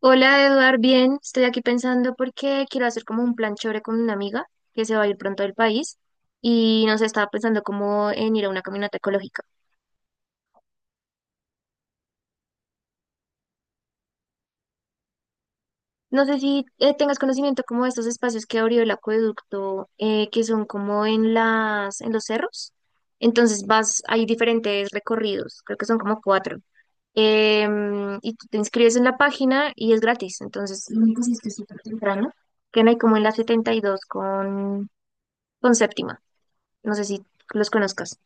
Hola Eduard, bien, estoy aquí pensando porque quiero hacer como un plan chévere con una amiga que se va a ir pronto del país y no sé, estaba pensando como en ir a una caminata ecológica. No sé si tengas conocimiento como de estos espacios que abrió el acueducto, que son como en en los cerros. Entonces vas, hay diferentes recorridos, creo que son como cuatro. Y tú te inscribes en la página y es gratis. Entonces, lo único sí es que es súper temprano, que no hay como en la 72 con séptima. No sé si los conozcas.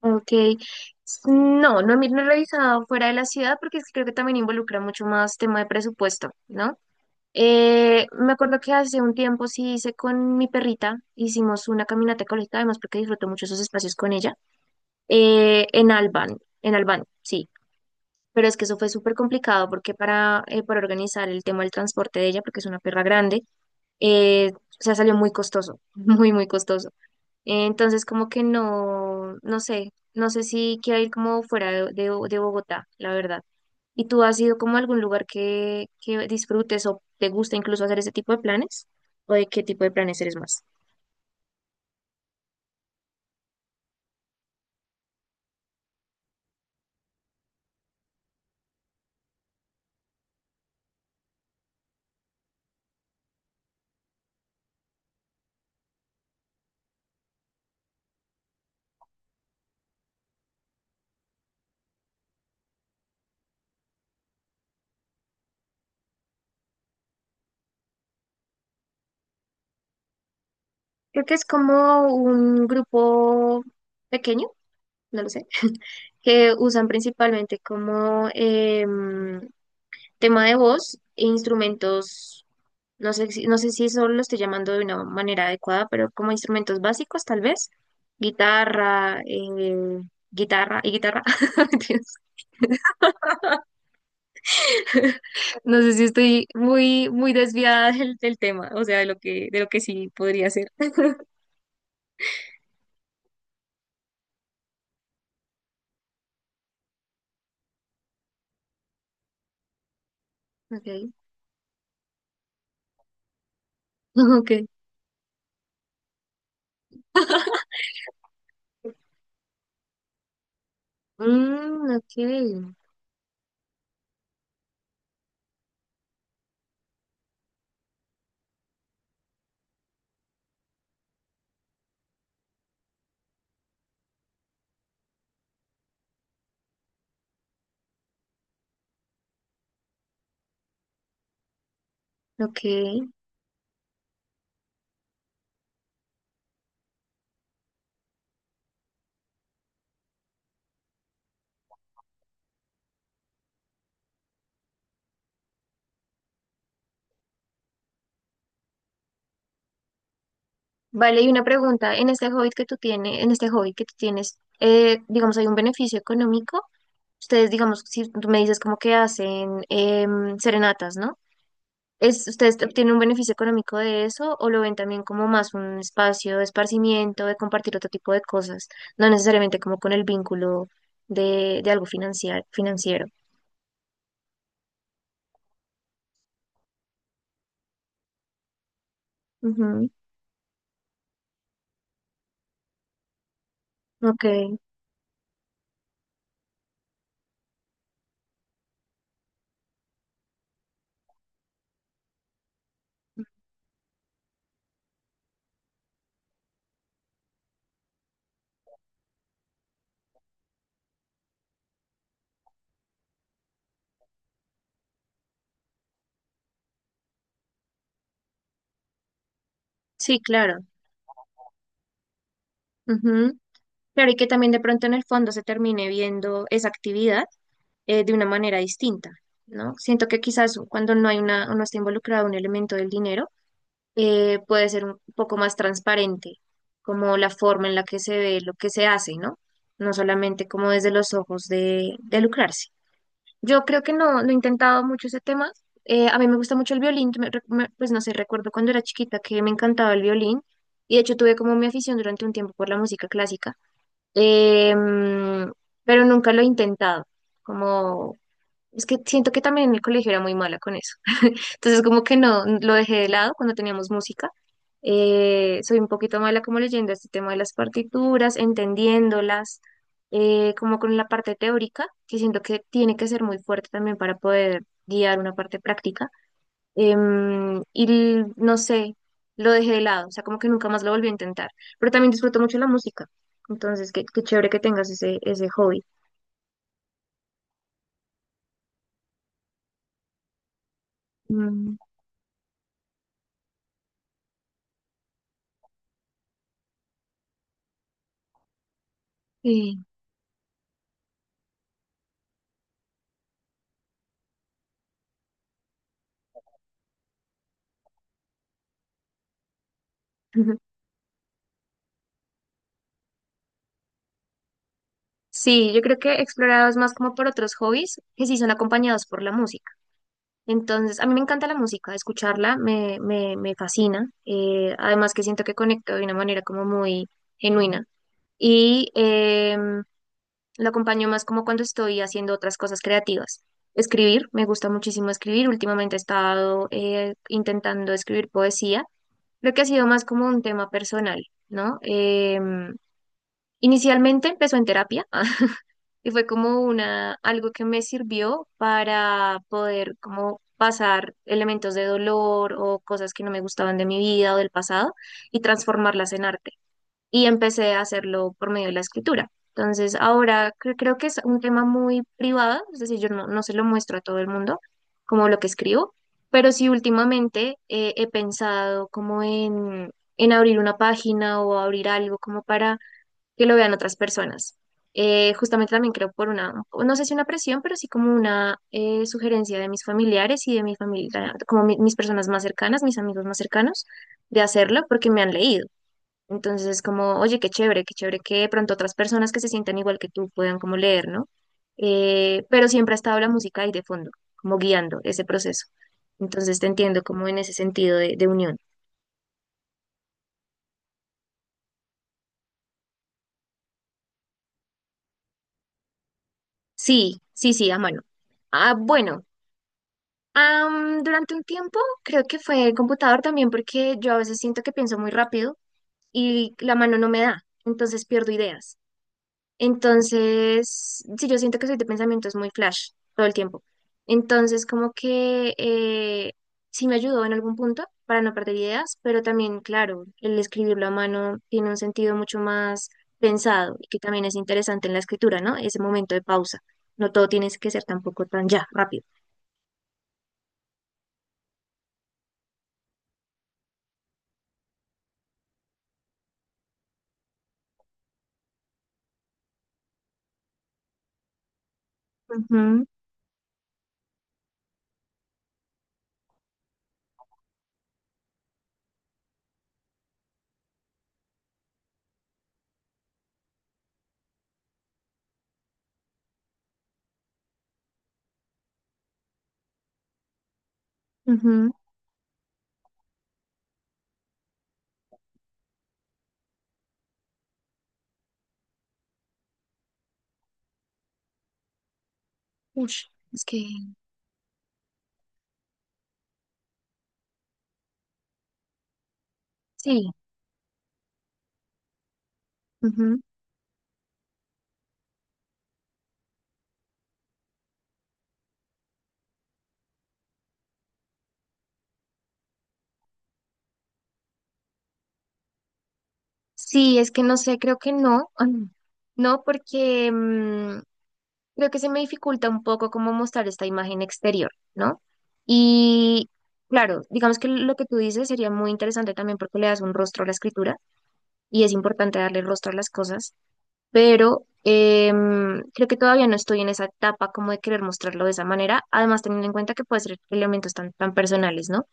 Ok. No he revisado fuera de la ciudad porque es que creo que también involucra mucho más tema de presupuesto, ¿no? Me acuerdo que hace un tiempo sí hice con mi perrita, hicimos una caminata ecológica, además porque disfruto mucho esos espacios con ella, en Albán, sí. Pero es que eso fue súper complicado porque para organizar el tema del transporte de ella, porque es una perra grande, o sea, salió muy costoso, muy, muy costoso. Entonces, como que no, no sé, no sé si quiero ir como fuera de Bogotá, la verdad. ¿Y tú has ido como a algún lugar que disfrutes o te gusta incluso hacer ese tipo de planes? ¿O de qué tipo de planes eres más? Creo que es como un grupo pequeño, no lo sé, que usan principalmente como tema de voz e instrumentos. No sé, no sé si eso lo estoy llamando de una manera adecuada, pero como instrumentos básicos, tal vez. Guitarra, guitarra y guitarra. Mentiras. No sé si estoy muy, muy desviada del tema, o sea, de lo de lo que sí podría ser. Okay. Okay. Mm, okay. Okay. Vale, y una pregunta, en este hobby que tú tienes, digamos, ¿hay un beneficio económico? Ustedes, digamos, si tú me dices como que hacen serenatas, ¿no? Es, ¿ustedes obtienen un beneficio económico de eso o lo ven también como más un espacio de esparcimiento, de compartir otro tipo de cosas, no necesariamente como con el vínculo de financiero? Ujú. Ok, sí, claro. Ujú. Claro, y que también de pronto en el fondo se termine viendo esa actividad de una manera distinta, ¿no? Siento que quizás cuando no hay una, o no está involucrado un elemento del dinero, puede ser un poco más transparente, como la forma en la que se ve lo que se hace, ¿no? No solamente como desde los ojos de lucrarse. Yo creo que no, no he intentado mucho ese tema. A mí me gusta mucho el violín, pues no sé, recuerdo cuando era chiquita que me encantaba el violín y de hecho tuve como mi afición durante un tiempo por la música clásica. Em, pero nunca lo he intentado, como es que siento que también en el colegio era muy mala con eso. Entonces como que no, lo dejé de lado cuando teníamos música. Soy un poquito mala como leyendo este tema de las partituras, entendiéndolas, como con la parte teórica, que siento que tiene que ser muy fuerte también para poder guiar una parte práctica. No sé, lo dejé de lado, o sea, como que nunca más lo volví a intentar. Pero también disfruto mucho la música, entonces qué, qué chévere que tengas ese hobby. Mm, sí. Sí, yo creo que he explorado es más como por otros hobbies que sí son acompañados por la música. Entonces, a mí me encanta la música, escucharla me fascina. Además que siento que conecto de una manera como muy genuina. Y lo acompaño más como cuando estoy haciendo otras cosas creativas. Escribir, me gusta muchísimo escribir. Últimamente he estado intentando escribir poesía. Creo que ha sido más como un tema personal, ¿no? Inicialmente empezó en terapia. Y fue como una, algo que me sirvió para poder como pasar elementos de dolor o cosas que no me gustaban de mi vida o del pasado y transformarlas en arte. Y empecé a hacerlo por medio de la escritura. Entonces, ahora creo que es un tema muy privado, es decir, yo no, no se lo muestro a todo el mundo como lo que escribo, pero sí últimamente he pensado como en abrir una página o abrir algo como para que lo vean otras personas. Justamente también creo por una, no sé si una presión, pero sí como una sugerencia de mis familiares y de mi familia, como mis personas más cercanas, mis amigos más cercanos, de hacerlo porque me han leído. Entonces es como, oye, qué chévere que de pronto otras personas que se sientan igual que tú puedan como leer, ¿no? Pero siempre ha estado la música ahí de fondo, como guiando ese proceso. Entonces te entiendo como en ese sentido de unión. Sí, sí, sí, a mano. Ah, bueno. Am, durante un tiempo creo que fue el computador también porque yo a veces siento que pienso muy rápido y la mano no me da, entonces pierdo ideas. Entonces, sí, yo siento que soy de pensamientos muy flash todo el tiempo. Entonces, como que sí me ayudó en algún punto para no perder ideas, pero también, claro, el escribirlo a mano tiene un sentido mucho más pensado y que también es interesante en la escritura, ¿no? Ese momento de pausa. No todo tiene que ser tampoco tan ya, rápido. Ujú, ujú. Ush, es que sí, ujú. Sí, es que no sé, creo que no, mm, no, porque mm, creo que se me dificulta un poco cómo mostrar esta imagen exterior, ¿no? Y claro, digamos que lo que tú dices sería muy interesante también porque le das un rostro a la escritura y es importante darle rostro a las cosas, pero creo que todavía no estoy en esa etapa como de querer mostrarlo de esa manera, además teniendo en cuenta que puede ser elementos tan, tan personales, ¿no?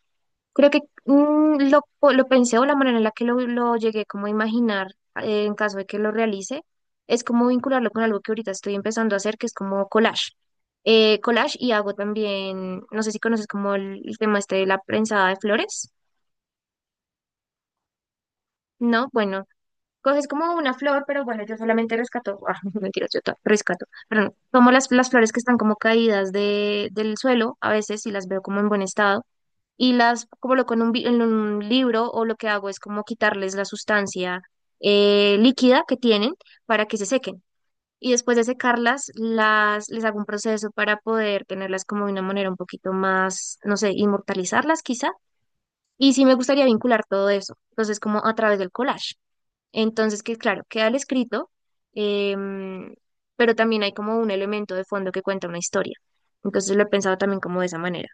Creo que mm, lo pensé o la manera en la que lo llegué como a imaginar en caso de que lo realice es como vincularlo con algo que ahorita estoy empezando a hacer, que es como collage. Collage y hago también, no sé si conoces como el tema este de la prensada de flores, ¿no? Bueno, coges como una flor, pero bueno, yo solamente rescato, ah, no, mentiras, rescato, pero no, tomo las flores que están como caídas del suelo a veces y las veo como en buen estado y las coloco en un, en un libro o lo que hago es como quitarles la sustancia líquida que tienen para que se sequen. Y después de secarlas, les hago un proceso para poder tenerlas como de una manera un poquito más, no sé, inmortalizarlas quizá. Y sí me gustaría vincular todo eso, entonces como a través del collage. Entonces, que claro, queda el escrito, em, pero también hay como un elemento de fondo que cuenta una historia. Entonces lo he pensado también como de esa manera.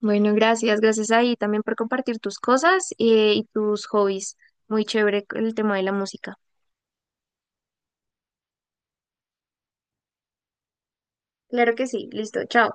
Bueno, gracias, gracias ahí también por compartir tus cosas y tus hobbies. Muy chévere el tema de la música. Claro que sí, listo, chao.